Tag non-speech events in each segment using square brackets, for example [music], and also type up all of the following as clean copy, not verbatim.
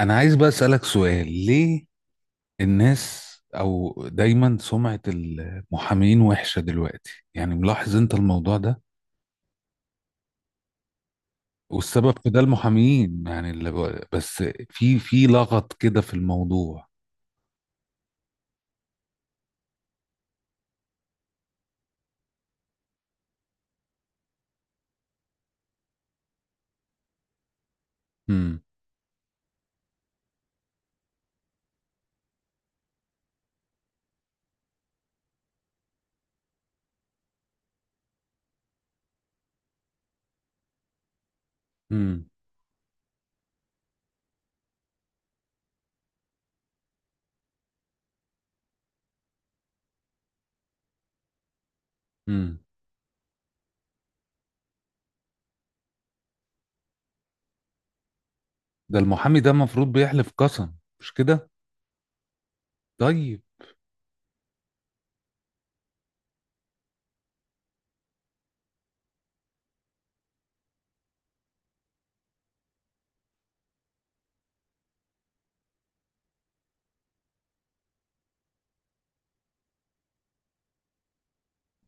انا عايز بقى اسالك سؤال. ليه الناس او دايما سمعة المحامين وحشة دلوقتي؟ يعني ملاحظ انت الموضوع ده. والسبب في ده المحامين، يعني اللي بس في لغط كده في الموضوع. امم. امم. امم. ده المحامي ده المفروض بيحلف قسم، مش كده؟ طيب.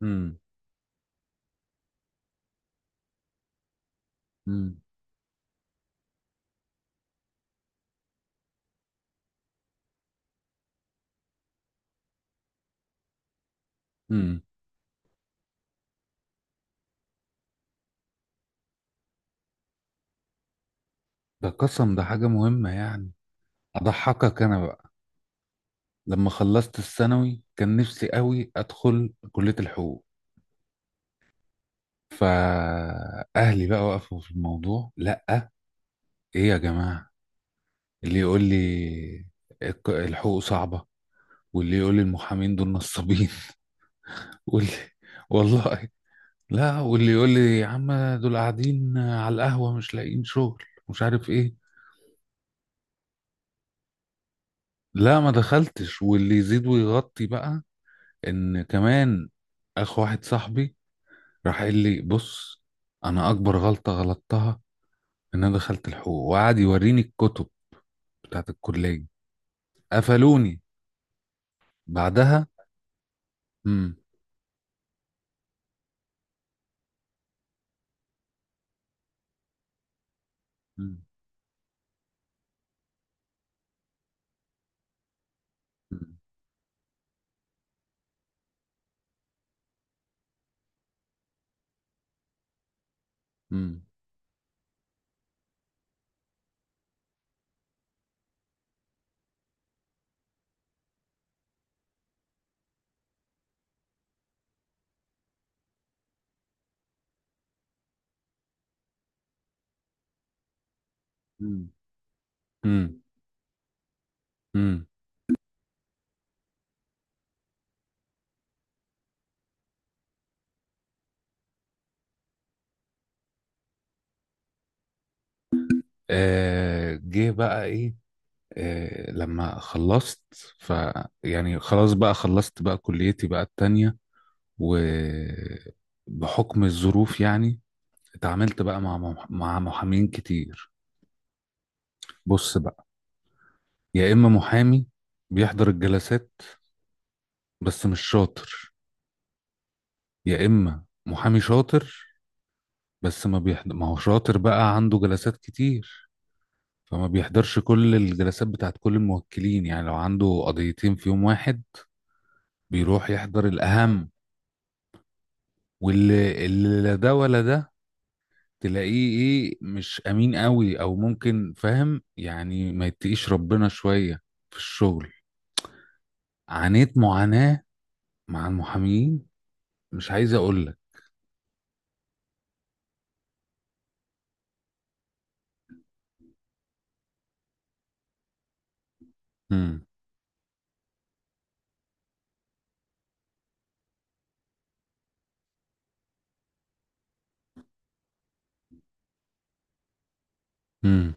امم. امم. امم. ده قسم، ده حاجة مهمة يعني. اضحكك انا بقى. لما خلصت الثانوي كان نفسي قوي ادخل كلية الحقوق، فأهلي بقى وقفوا في الموضوع. لأ، إيه يا جماعة؟ اللي يقول لي الحقوق صعبة، واللي يقول لي المحامين دول نصابين، [laughs] واللي والله، لا، واللي يقول لي يا عم دول قاعدين على القهوة مش لاقيين شغل مش عارف إيه. لا، ما دخلتش. واللي يزيد ويغطي بقى إن كمان، أخ واحد صاحبي راح قال لي بص، أنا أكبر غلطة غلطتها إن أنا دخلت الحقوق، وقعد يوريني الكتب بتاعت الكلية. قفلوني بعدها. مم. مم. مم. مم. مم. مم. آه، جه بقى ايه؟ آه، لما خلصت، ف يعني خلاص بقى خلصت بقى كليتي بقى التانية، وبحكم الظروف يعني اتعاملت بقى مع مع محامين كتير. بص بقى، يا اما محامي بيحضر الجلسات بس مش شاطر، يا اما محامي شاطر بس ما بيحضر. ما هو شاطر بقى عنده جلسات كتير، فما بيحضرش كل الجلسات بتاعت كل الموكلين. يعني لو عنده قضيتين في يوم واحد بيروح يحضر الأهم. واللي لا ده ولا ده، تلاقيه ايه، مش أمين قوي، أو ممكن فاهم يعني ما يتقيش ربنا شوية في الشغل. عانيت معاناة مع المحامين، مش عايز أقول لك. مم. مم.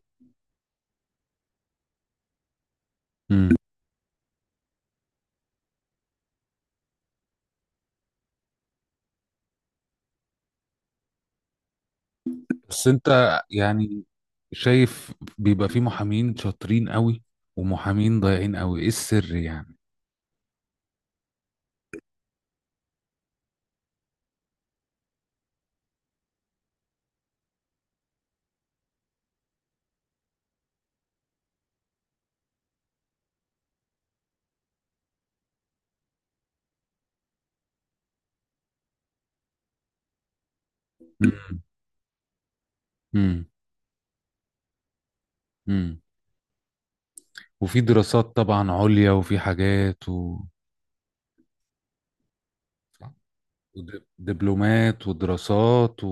مم. بس أنت يعني شايف بيبقى في محامين شاطرين قوي، ومحامين ضايعين قوي، ايه السر يعني؟ مم. مم. مم. وفي دراسات طبعا عليا، وفي حاجات و... ودبلومات ودراسات و...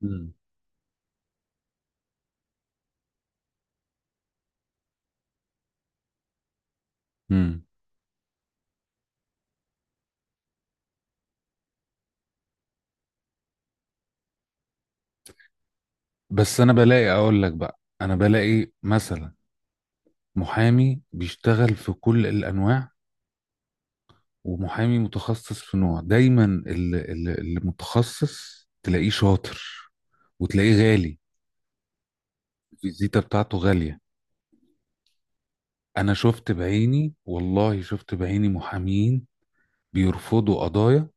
مم. مم. بس انا بلاقي، اقول لك بقى، انا بلاقي مثلا محامي بيشتغل في كل الانواع، ومحامي متخصص في نوع. دايما اللي متخصص تلاقيه شاطر وتلاقيه غالي. الفيزيتا بتاعته غالية. انا شفت بعيني، والله شفت بعيني، محامين بيرفضوا قضايا.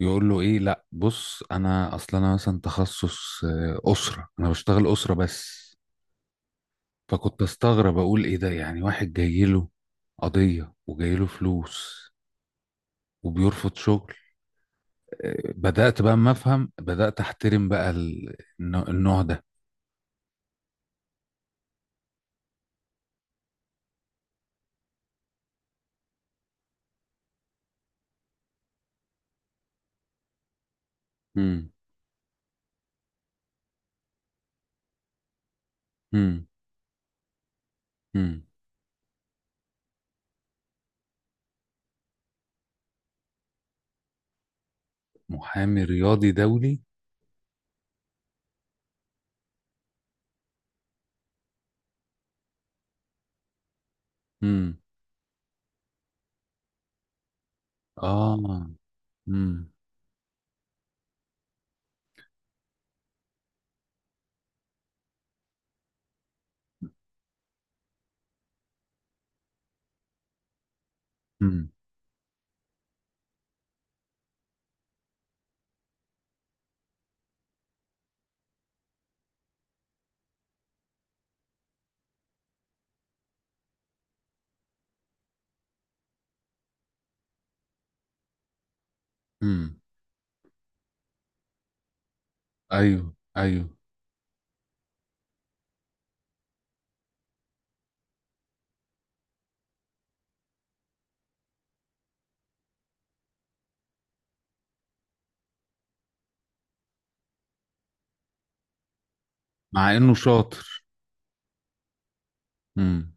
يقول له ايه؟ لا بص، انا اصلا انا مثلا تخصص اسره، انا بشتغل اسره بس. فكنت استغرب اقول ايه ده؟ يعني واحد جاي له قضيه وجاي له فلوس وبيرفض شغل. بدات بقى اما افهم، بدات احترم بقى النوع ده. امم. امم. امم. محامي رياضي دولي؟ امم. اه. امم. امم. امم. ايوه، ايوه. مع انه شاطر. امم.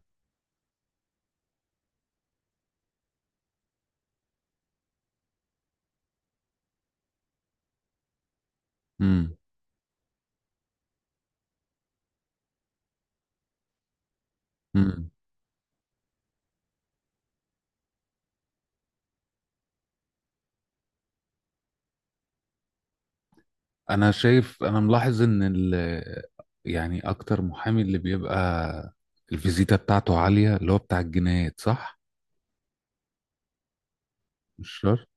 امم. امم. انا ملاحظ ان يعني اكتر محامي اللي بيبقى الفيزيتا بتاعته عالية اللي هو بتاع الجنايات، صح؟ مش شرط.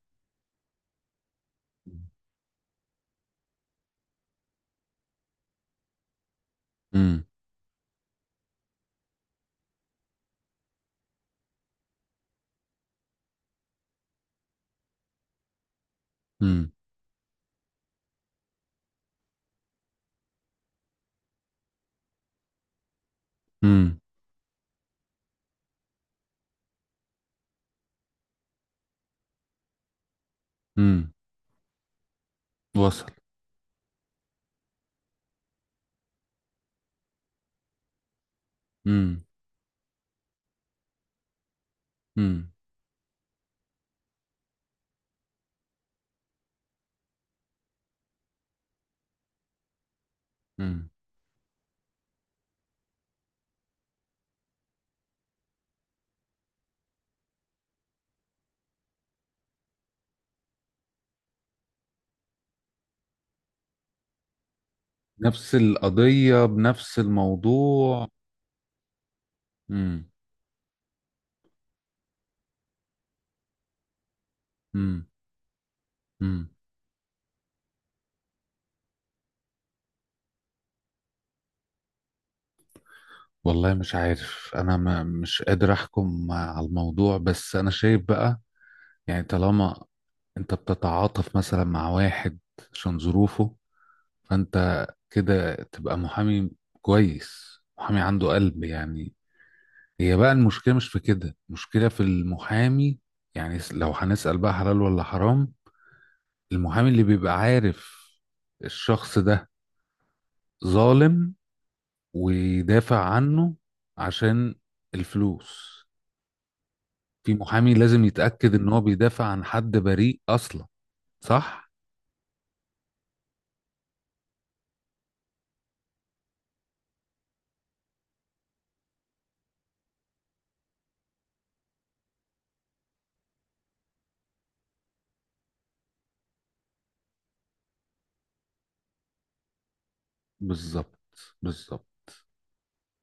امم. امم. امم. امم. وصل. امم. امم. امم. نفس القضية بنفس الموضوع. امم. امم. امم. والله مش عارف، انا ما مش قادر احكم على الموضوع، بس انا شايف بقى. يعني طالما انت بتتعاطف مثلا مع واحد عشان ظروفه، فانت كده تبقى محامي كويس، محامي عنده قلب يعني. هي بقى المشكلة مش في كده، المشكلة في المحامي. يعني لو هنسأل بقى حلال ولا حرام؟ المحامي اللي بيبقى عارف الشخص ده ظالم ويدافع عنه عشان الفلوس. في محامي لازم يتأكد ان هو بيدافع عن حد بريء اصلا، صح؟ بالظبط. بالظبط.